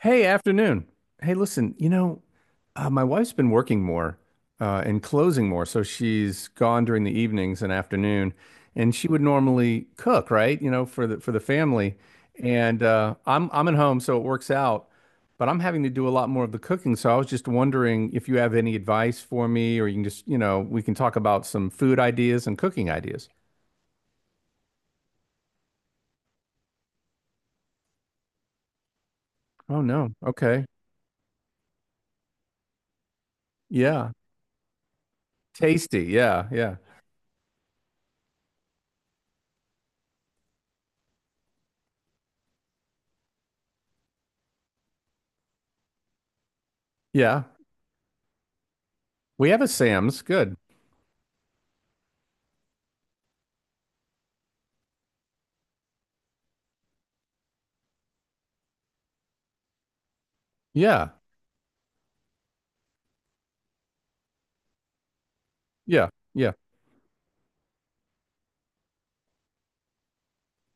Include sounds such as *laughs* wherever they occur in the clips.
Hey, afternoon. Hey, listen, you know, my wife's been working more and closing more, so she's gone during the evenings and afternoon, and she would normally cook, right? You know, for the family. And uh, I'm at home, so it works out. But I'm having to do a lot more of the cooking, so I was just wondering if you have any advice for me, or you can just, you know, we can talk about some food ideas and cooking ideas. Oh no. Okay. Yeah. Tasty. Yeah. Yeah. Yeah. We have a Sam's. Good. Yeah. Yeah. Yeah.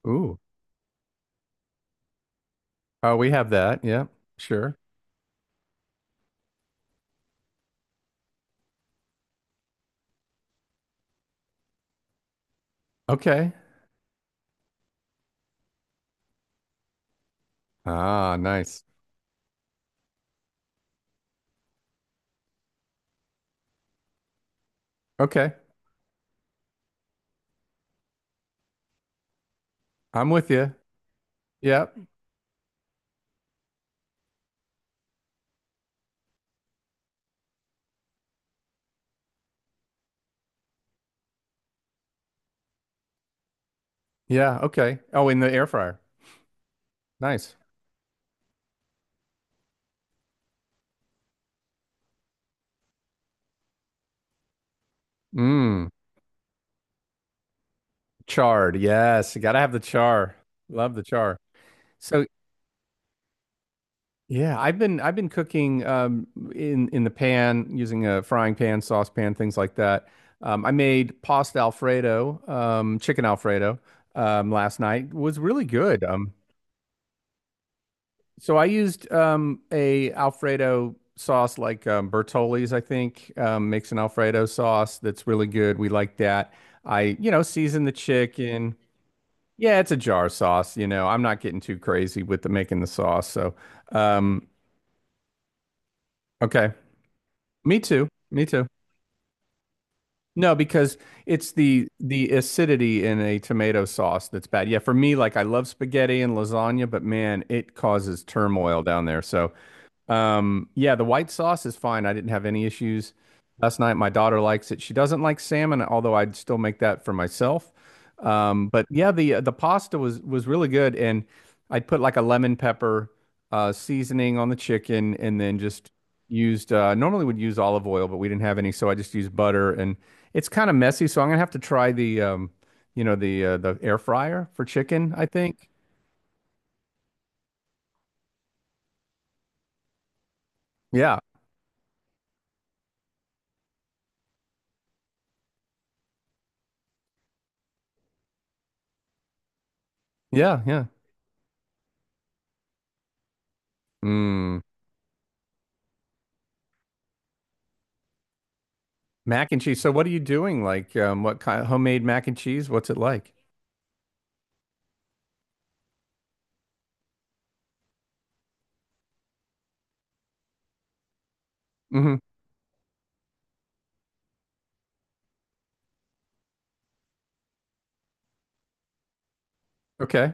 Ooh. Oh, we have that. Yeah. Sure. Okay. Ah, nice. Okay. I'm with you. Yep. Yeah. Okay. Oh, in the air fryer. Nice. Mmm. Chard. Yes. You gotta have the char. Love the char. So yeah, I've been cooking in the pan using a frying pan, saucepan, things like that. I made pasta Alfredo, chicken Alfredo, last night. It was really good. So I used a Alfredo sauce like Bertolli's, I think, makes an Alfredo sauce that's really good. We like that. I, you know, season the chicken. Yeah, it's a jar sauce. You know, I'm not getting too crazy with the making the sauce. So, um, okay, me too, me too. No, because it's the acidity in a tomato sauce that's bad. Yeah, for me, like I love spaghetti and lasagna, but man, it causes turmoil down there. So. Yeah, the white sauce is fine. I didn't have any issues last night. My daughter likes it. She doesn't like salmon, although I'd still make that for myself. But yeah, the pasta was really good, and I'd put like a lemon pepper seasoning on the chicken, and then just used normally would use olive oil, but we didn't have any, so I just used butter. And it's kind of messy, so I'm gonna have to try the you know, the air fryer for chicken, I think. Yeah, yeah, yeah. Mm. Mac and cheese. So what are you doing? Like, what kind of homemade mac and cheese? What's it like? Hmm. Okay.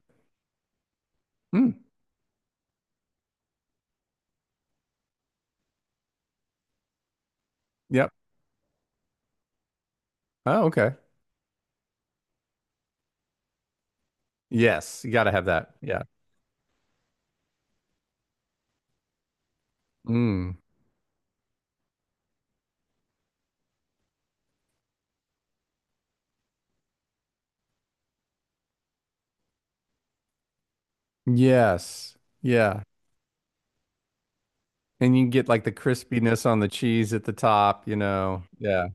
Mm. Yep. Oh, okay. Yes, you gotta have that. Yeah. Mm. Yes. Yeah. And you can get like the crispiness on the cheese at the top, you know. Yeah.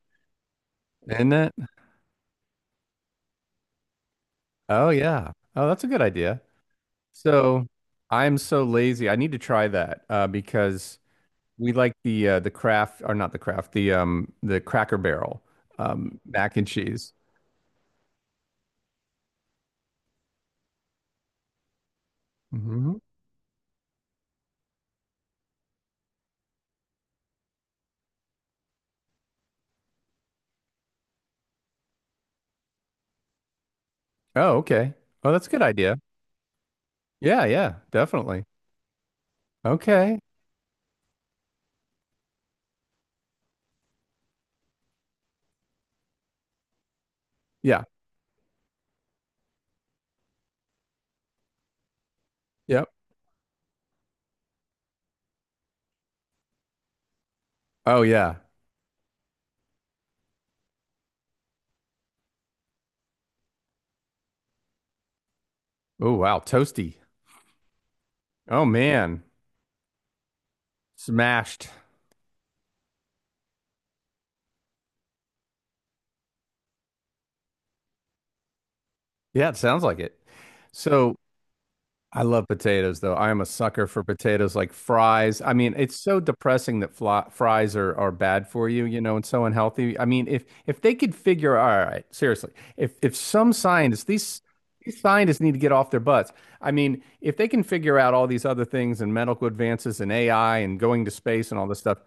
Isn't it? Oh yeah. Oh, that's a good idea. So I'm so lazy. I need to try that because we like the craft or not the craft, the Cracker Barrel mac and cheese. Mm-hmm. Oh, okay. Oh, that's a good idea. Yeah, yeah, definitely. Okay. Yeah. Yep. Oh, yeah. Oh, wow. Toasty. Oh, man. Smashed. Yeah, it sounds like it. So, I love potatoes though. I am a sucker for potatoes like fries. I mean, it's so depressing that fries are bad for you, you know, and so unhealthy. I mean, if they could figure, all right, seriously, if some scientists, these scientists need to get off their butts. I mean, if they can figure out all these other things and medical advances and AI and going to space and all this stuff,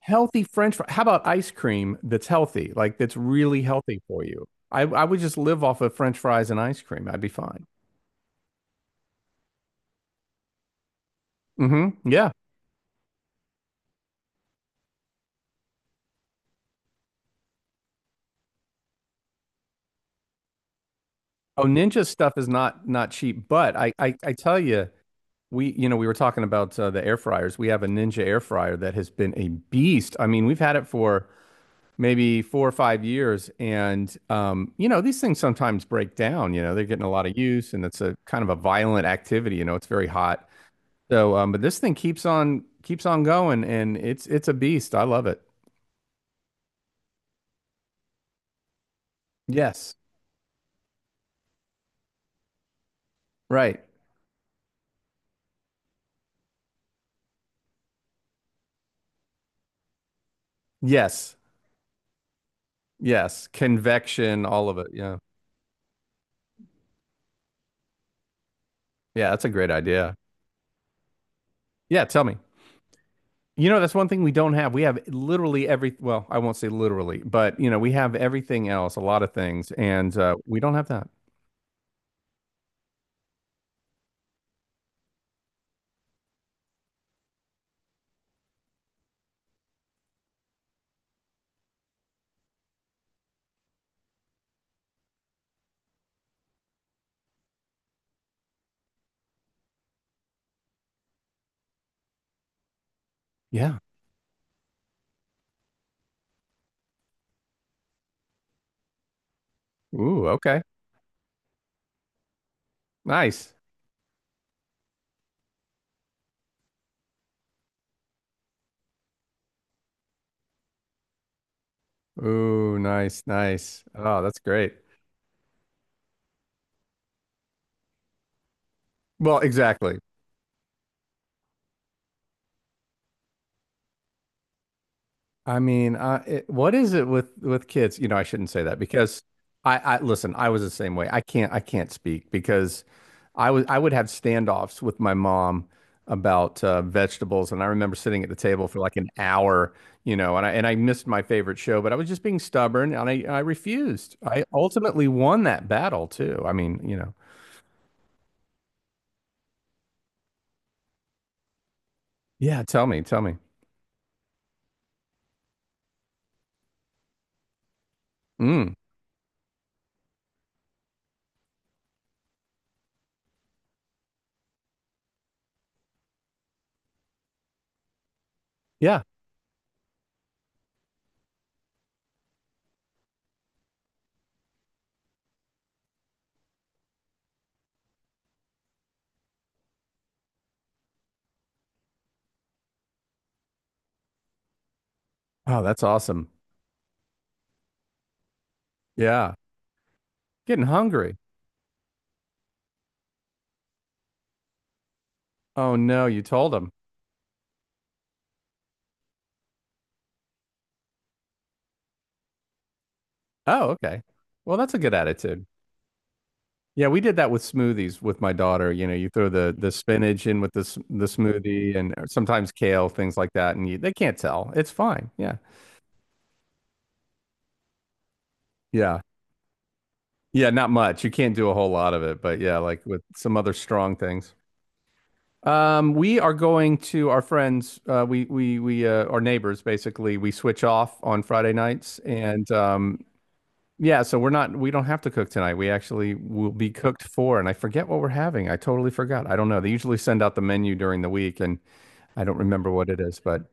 healthy French fries. How about ice cream that's healthy, like that's really healthy for you? I would just live off of French fries and ice cream. I'd be fine. Mm-hmm. Yeah. Oh, Ninja stuff is not cheap, but I tell you, we you know we were talking about the air fryers. We have a Ninja air fryer that has been a beast. I mean, we've had it for maybe 4 or 5 years, and you know these things sometimes break down. You know they're getting a lot of use, and it's a kind of a violent activity. You know it's very hot. So, but this thing keeps on going, and it's a beast. I love it. Yes, right. Yes, yes. Convection, all of it. Yeah, yeah. That's a great idea. Yeah, tell me. You know, that's one thing we don't have. We have literally every, well, I won't say literally, but you know, we have everything else, a lot of things, and we don't have that. Yeah. Ooh, okay. Nice. Ooh, nice, nice. Oh, that's great. Well, exactly. I mean, what is it with kids? You know, I shouldn't say that because I listen. I was the same way. I can't speak because I would have standoffs with my mom about vegetables, and I remember sitting at the table for like an hour, you know, and I missed my favorite show, but I was just being stubborn, and I refused. I ultimately won that battle too. I mean, you know, yeah. Tell me, tell me. Mm, yeah. Oh, that's awesome. Yeah. Getting hungry. Oh no, you told him. Oh, okay. Well, that's a good attitude. Yeah, we did that with smoothies with my daughter. You know, you throw the spinach in with the the smoothie and sometimes kale, things like that, and you, they can't tell. It's fine. Yeah. Yeah. Yeah, not much. You can't do a whole lot of it, but yeah, like with some other strong things. We are going to our friends, we our neighbors basically. We switch off on Friday nights and um. Yeah, so we're not, we don't have to cook tonight. We actually will be cooked for, and I forget what we're having. I totally forgot. I don't know. They usually send out the menu during the week, and I don't remember what it is, but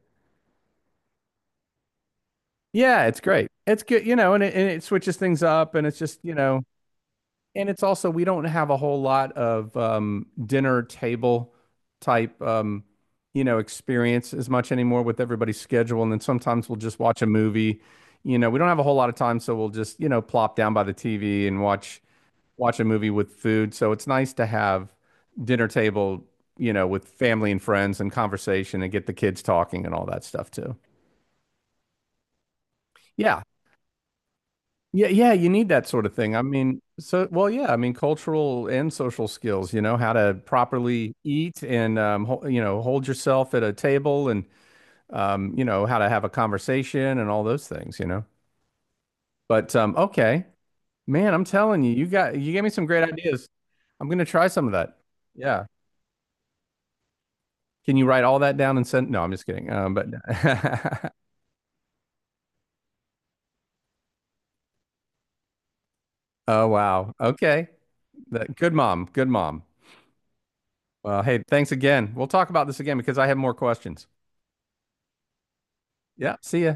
yeah, it's great. It's good, you know, and it switches things up, and it's just, you know, and it's also, we don't have a whole lot of dinner table type, you know, experience as much anymore with everybody's schedule. And then sometimes we'll just watch a movie. You know, we don't have a whole lot of time, so we'll just, you know, plop down by the TV and watch a movie with food. So it's nice to have dinner table, you know, with family and friends and conversation and get the kids talking and all that stuff too. Yeah. Yeah, yeah, you need that sort of thing. I mean, so well, yeah, I mean, cultural and social skills, you know, how to properly eat and ho you know, hold yourself at a table and you know, how to have a conversation and all those things, you know. But okay, man, I'm telling you, you got you gave me some great ideas. I'm gonna try some of that. Yeah. Can you write all that down and send? No, I'm just kidding. But *laughs* oh wow, okay, that- good mom, good mom. Well, hey, thanks again. We'll talk about this again because I have more questions. Yeah, see ya.